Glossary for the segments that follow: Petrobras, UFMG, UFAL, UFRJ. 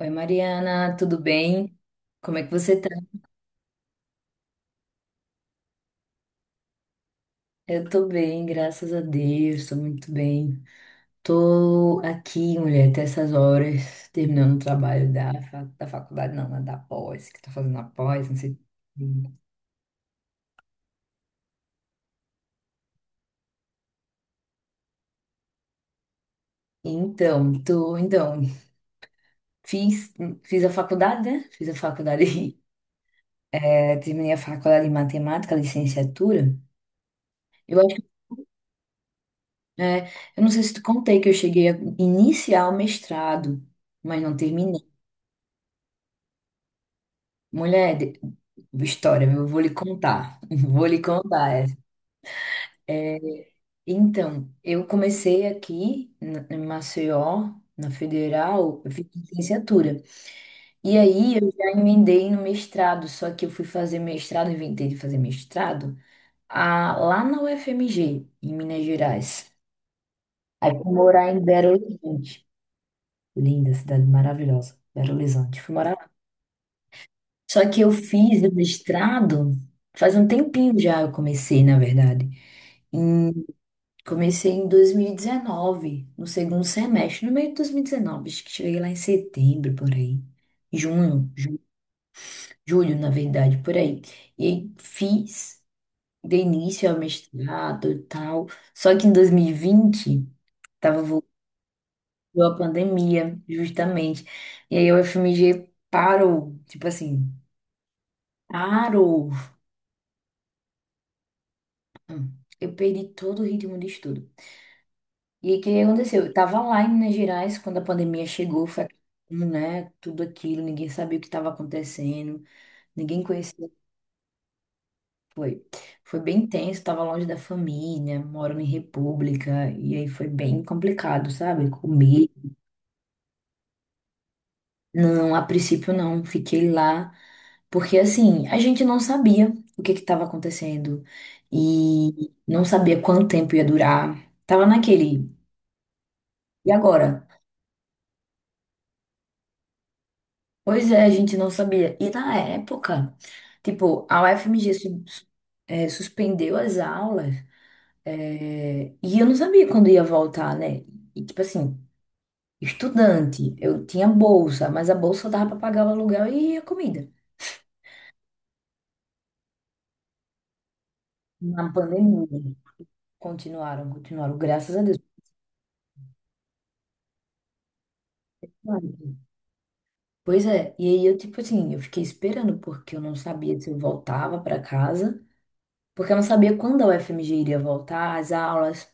Oi, Mariana, tudo bem? Como é que você tá? Eu tô bem, graças a Deus, tô muito bem. Tô aqui, mulher, até essas horas, terminando o trabalho da, fa- da faculdade, não, né, da pós, que tá fazendo a pós, não sei. Então, tô, então, fiz, fiz a faculdade, né? Fiz a faculdade, é, terminei a faculdade de matemática, licenciatura. Eu acho, é, eu não sei se te contei que eu cheguei a iniciar o mestrado, mas não terminei. Mulher, de- história, eu vou lhe contar. Vou lhe contar. Essa. É, então, eu comecei aqui na- em Maceió, na Federal, eu fiz licenciatura. E aí eu já emendei no mestrado, só que eu fui fazer mestrado, inventei de fazer mestrado, a- lá na UFMG, em Minas Gerais. Aí fui morar em Belo Horizonte. Linda cidade maravilhosa, Belo Horizonte. Fui morar. Só que eu fiz o mestrado faz um tempinho já, eu comecei, na verdade. Em- comecei em 2019, no segundo semestre, no meio de 2019, acho que cheguei lá em setembro, por aí. Junho, ju- julho, na verdade, por aí. E aí fiz, dei início ao mestrado e tal. Só que em 2020, tava voltando a pandemia, justamente. E aí o FMG parou, tipo assim, parou. Hum, Eu perdi todo o ritmo de estudo. E aí, o que aconteceu? Eu tava lá em Minas Gerais quando a pandemia chegou, foi, aquilo, né, tudo aquilo, ninguém sabia o que estava acontecendo, ninguém conhecia. Foi, foi bem tenso, tava longe da família, morando em república, e aí foi bem complicado, sabe? Comer. Não, a princípio não, fiquei lá, porque assim, a gente não sabia o que que estava acontecendo e não sabia quanto tempo ia durar. Tava naquele, e agora? Pois é, a gente não sabia. E na época, tipo, a UFMG su- suspendeu as aulas, e eu não sabia quando ia voltar, né? E, tipo assim, estudante, eu tinha bolsa, mas a bolsa dava para pagar o aluguel e a comida. Na pandemia, continuaram, graças a Deus. Pois é, e aí eu, tipo assim, eu fiquei esperando, porque eu não sabia se eu voltava para casa, porque eu não sabia quando a UFMG iria voltar, as aulas.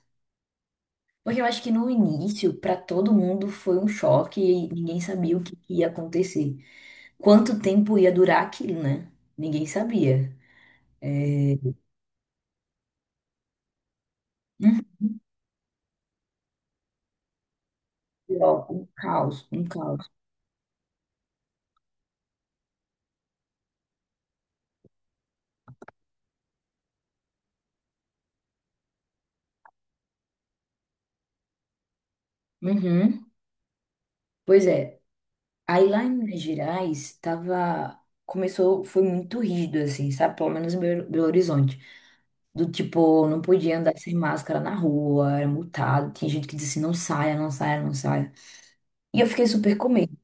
Porque eu acho que no início, para todo mundo, foi um choque e ninguém sabia o que ia acontecer. Quanto tempo ia durar aquilo, né? Ninguém sabia. Uhum. Ó, um caos, um caos. Uhum. Pois é. Aí lá em Minas Gerais, tava... Começou, foi muito rígido, assim, sabe? Pelo menos em Belo Horizonte. Do tipo, não podia andar sem máscara na rua, era multado. Tinha gente que dizia assim, não saia, não saia, não saia. E eu fiquei super com medo.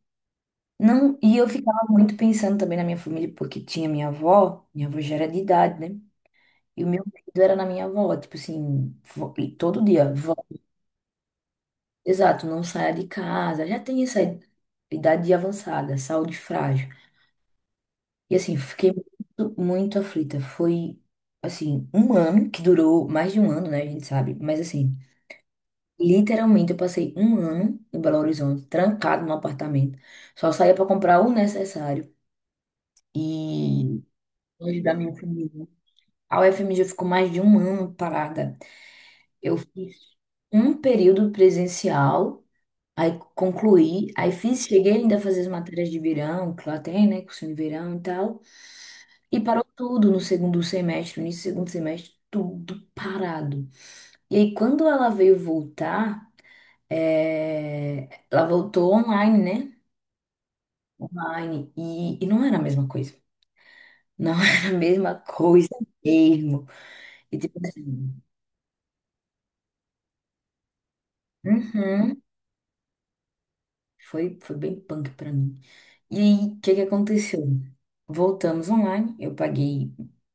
Não, e eu ficava muito pensando também na minha família, porque tinha minha avó já era de idade, né? E o meu medo era na minha avó, tipo assim, vó- e todo dia, vó, exato, não saia de casa, já tem essa idade avançada, saúde frágil. E assim, fiquei muito, muito aflita. Foi, assim, um ano, que durou mais de um ano, né? A gente sabe, mas assim, literalmente eu passei um ano em Belo Horizonte, trancado num apartamento, só saía para comprar o necessário. E longe da minha família. A UFMG ficou mais de um ano parada. Eu fiz um período presencial, aí concluí, aí fiz, cheguei ainda a fazer as matérias de verão, que lá tem, né, cursinho de verão e tal, e parou tudo no segundo semestre, no início do segundo semestre, tudo parado. E aí, quando ela veio voltar, é, ela voltou online, né? Online, e, não era a mesma coisa. Não era a mesma coisa mesmo. E tipo assim, uhum. Foi bem punk pra mim. E aí, o que que aconteceu? Voltamos online, eu paguei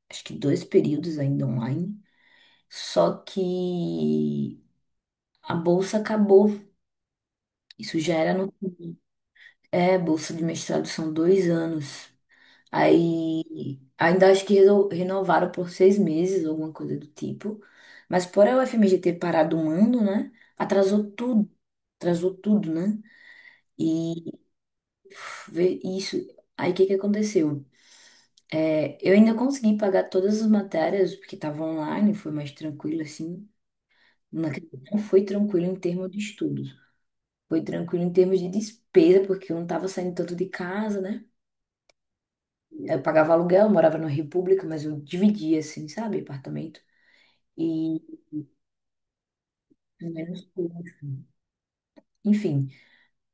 acho que dois períodos ainda online, só que a bolsa acabou. Isso já era no. É, bolsa de mestrado são 2 anos. Aí ainda acho que reno- renovaram por 6 meses, alguma coisa do tipo. Mas por a UFMG ter parado um ano, né? Atrasou tudo. Atrasou tudo, né? E uf, vê isso. Aí o que que aconteceu? É, eu ainda consegui pagar todas as matérias, porque estava online, foi mais tranquilo, assim. Não não foi tranquilo em termos de estudos. Foi tranquilo em termos de despesa, porque eu não estava saindo tanto de casa, né? Eu pagava aluguel, eu morava na República, mas eu dividia, assim, sabe? Apartamento. E menos custo. Enfim,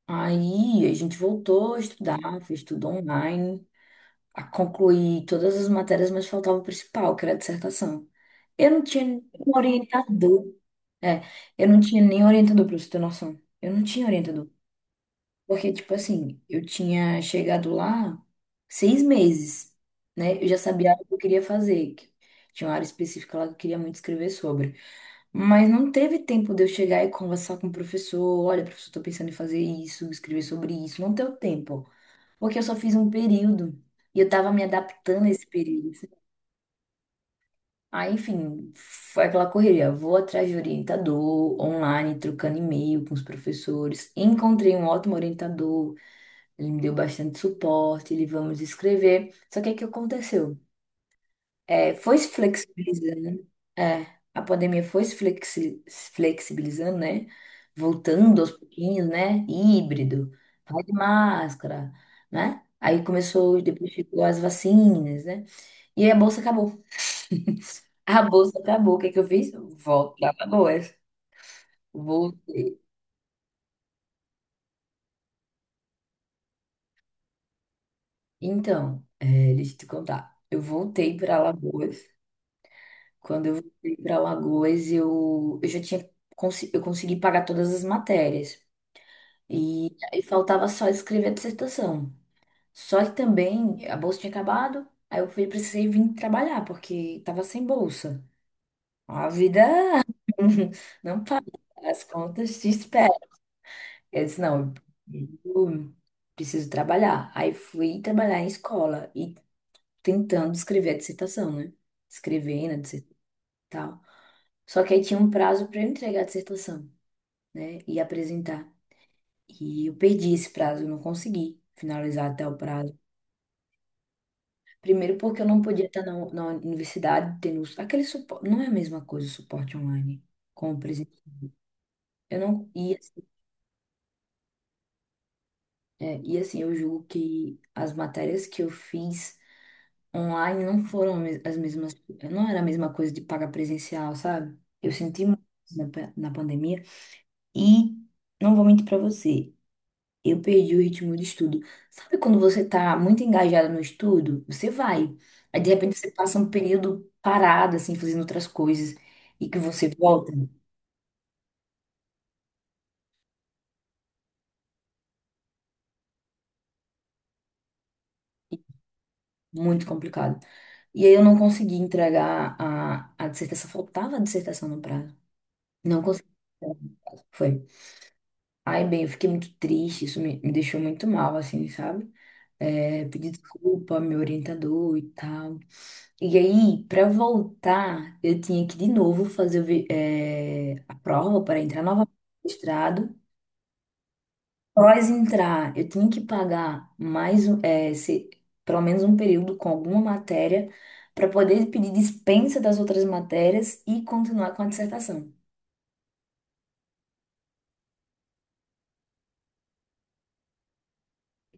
aí a gente voltou a estudar, fez tudo online, a concluir todas as matérias, mas faltava o principal, que era a dissertação. Eu não tinha um orientador. É, eu não tinha nem orientador, pra você ter noção. Eu não tinha orientador. Porque, tipo assim, eu tinha chegado lá 6 meses, né? Eu já sabia o que eu queria fazer. Que tinha uma área específica lá que eu queria muito escrever sobre. Mas não teve tempo de eu chegar e conversar com o professor. Olha, professor, tô pensando em fazer isso, escrever sobre isso. Não deu tempo. Porque eu só fiz um período. E eu tava me adaptando a esse período. Aí, enfim, foi aquela correria. Vou atrás de orientador, online, trocando e-mail com os professores. Encontrei um ótimo orientador, ele me deu bastante suporte, ele vamos escrever. Só que o que aconteceu? É, foi se flexibilizando, é, a pandemia foi se flexi- se flexibilizando, né? Voltando aos pouquinhos, né? Híbrido, vai de máscara, né? Aí começou, depois chegou as vacinas, né? E a bolsa acabou. A bolsa acabou. O que é que eu fiz? Volto para Alagoas. Vou... Então, é, deixa eu te contar. Eu voltei para Alagoas. Quando eu voltei para Alagoas, eu já tinha consi- eu consegui pagar todas as matérias. E aí faltava só escrever a dissertação. Só que também a bolsa tinha acabado. Aí eu fui, precisei vir trabalhar, porque estava sem bolsa. A vida não para. As contas te esperam. Eu disse, não, eu preciso trabalhar. Aí fui trabalhar em escola e tentando escrever a dissertação, né? Escrevendo a dissertação. E tal. Só que aí tinha um prazo para eu entregar a dissertação, né? E apresentar. E eu perdi esse prazo, eu não consegui finalizar até o prazo. Primeiro porque eu não podia estar na universidade tendo aquele suporte. Não é a mesma coisa o suporte online com o presencial. Eu não, e, assim, é, e assim, eu julgo que as matérias que eu fiz online não foram me- as mesmas, não era a mesma coisa de pagar presencial, sabe? Eu senti muito na, pa- na pandemia e não vou mentir pra você, eu perdi o ritmo de estudo. Sabe quando você tá muito engajado no estudo, você vai. Aí de repente você passa um período parado assim, fazendo outras coisas e que você volta, muito complicado. E aí eu não consegui entregar a dissertação, faltava a dissertação no prazo. Não consegui. Foi. Ai, bem, eu fiquei muito triste, isso me deixou muito mal, assim, sabe? É, pedi desculpa ao meu orientador e tal. E aí, pra voltar, eu tinha que de novo fazer o vi- é, a prova para entrar novamente no mestrado. Após entrar, eu tinha que pagar mais, um- é, se- pelo menos um período com alguma matéria para poder pedir dispensa das outras matérias e continuar com a dissertação.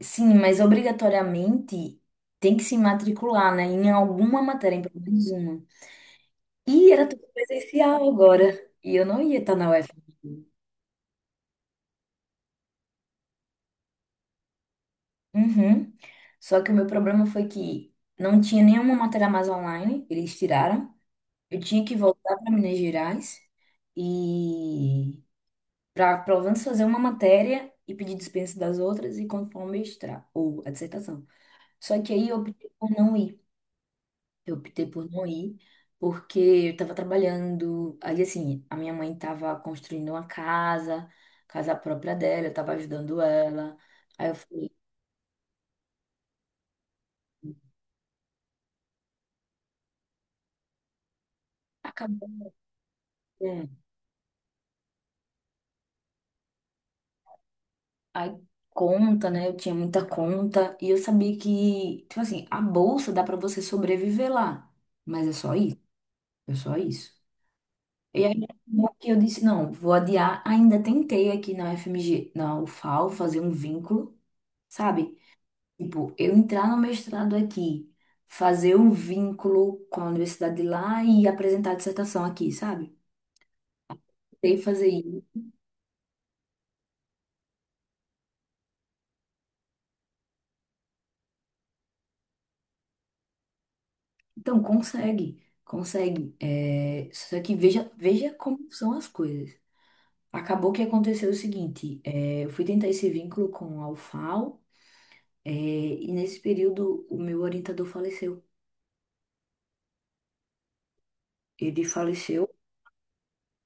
Sim, mas obrigatoriamente tem que se matricular, né? Em alguma matéria, em pelo menos uma. E era tudo presencial agora. E eu não ia estar na UFRJ. Uhum. Só que o meu problema foi que não tinha nenhuma matéria mais online, eles tiraram. Eu tinha que voltar para Minas Gerais e para pelo menos fazer uma matéria e pedir dispensa das outras e conforme o mestrado ou a dissertação. Só que aí eu optei por não ir. Eu optei por não ir, porque eu estava trabalhando. Aí, assim, a minha mãe estava construindo uma casa, casa própria dela, eu estava ajudando ela. Aí eu falei, acabou. Né? Aí, conta, né? Eu tinha muita conta. E eu sabia que, tipo assim, a bolsa dá para você sobreviver lá. Mas é só isso, é só isso. E aí, acabou que eu disse, não, vou adiar. Ainda tentei aqui na FMG, na UFAL, fazer um vínculo, sabe? Tipo, eu entrar no mestrado aqui, fazer um vínculo com a universidade de lá e apresentar a dissertação aqui, sabe? Tem que fazer isso. Então, consegue, consegue. É, só que veja, veja como são as coisas. Acabou que aconteceu o seguinte, é, eu fui tentar esse vínculo com a UFAL, é, e nesse período o meu orientador faleceu. Ele faleceu,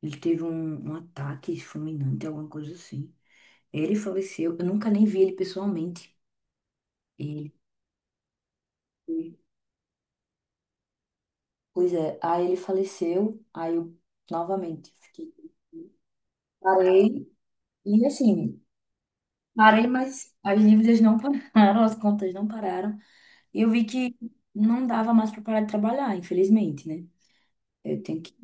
ele teve um ataque fulminante, alguma coisa assim. Ele faleceu, eu nunca nem vi ele pessoalmente. Ele. Pois é, aí ele faleceu, aí eu novamente fiquei. Parei, e assim, parei, mas as dívidas não pararam, as contas não pararam. E eu vi que não dava mais para parar de trabalhar, infelizmente, né? Eu tenho que.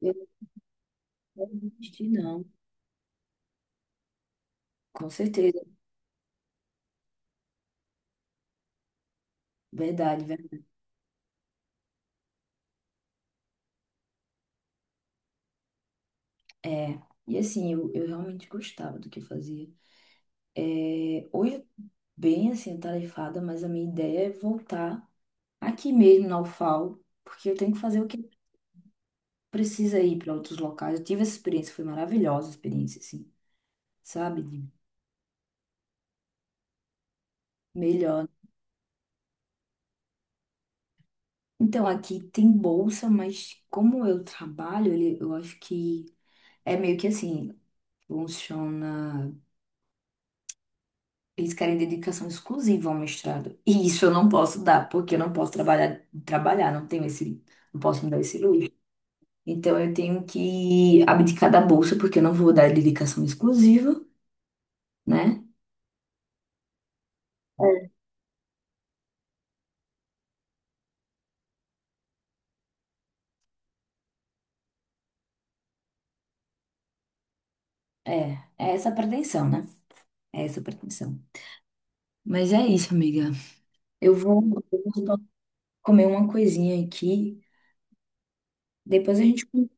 Eu não quero desistir, não. Com certeza, verdade, verdade. É, e assim, eu realmente gostava do que eu fazia. É, hoje, eu tô bem assim, atarefada, mas a minha ideia é voltar aqui mesmo na UFAL, porque eu tenho que fazer o que precisa ir para outros locais. Eu tive essa experiência, foi maravilhosa a experiência, assim, sabe? De melhor. Então, aqui tem bolsa, mas como eu trabalho, ele- eu acho que é meio que assim, funciona. Eles querem dedicação exclusiva ao mestrado. E isso eu não posso dar, porque eu não posso trabalhar, não tenho esse, não posso me dar esse luxo. Então, eu tenho que abdicar da bolsa, porque eu não vou dar dedicação exclusiva, né? É, é essa a pretensão, né? É essa a pretensão. Mas é isso, amiga. Eu vou, eu vou só comer uma coisinha aqui. Depois a gente continua.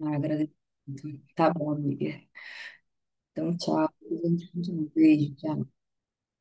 Ah, agradeço muito. Tá bom, amiga. Então, tchau. Depois a gente continua. Beijo, tchau.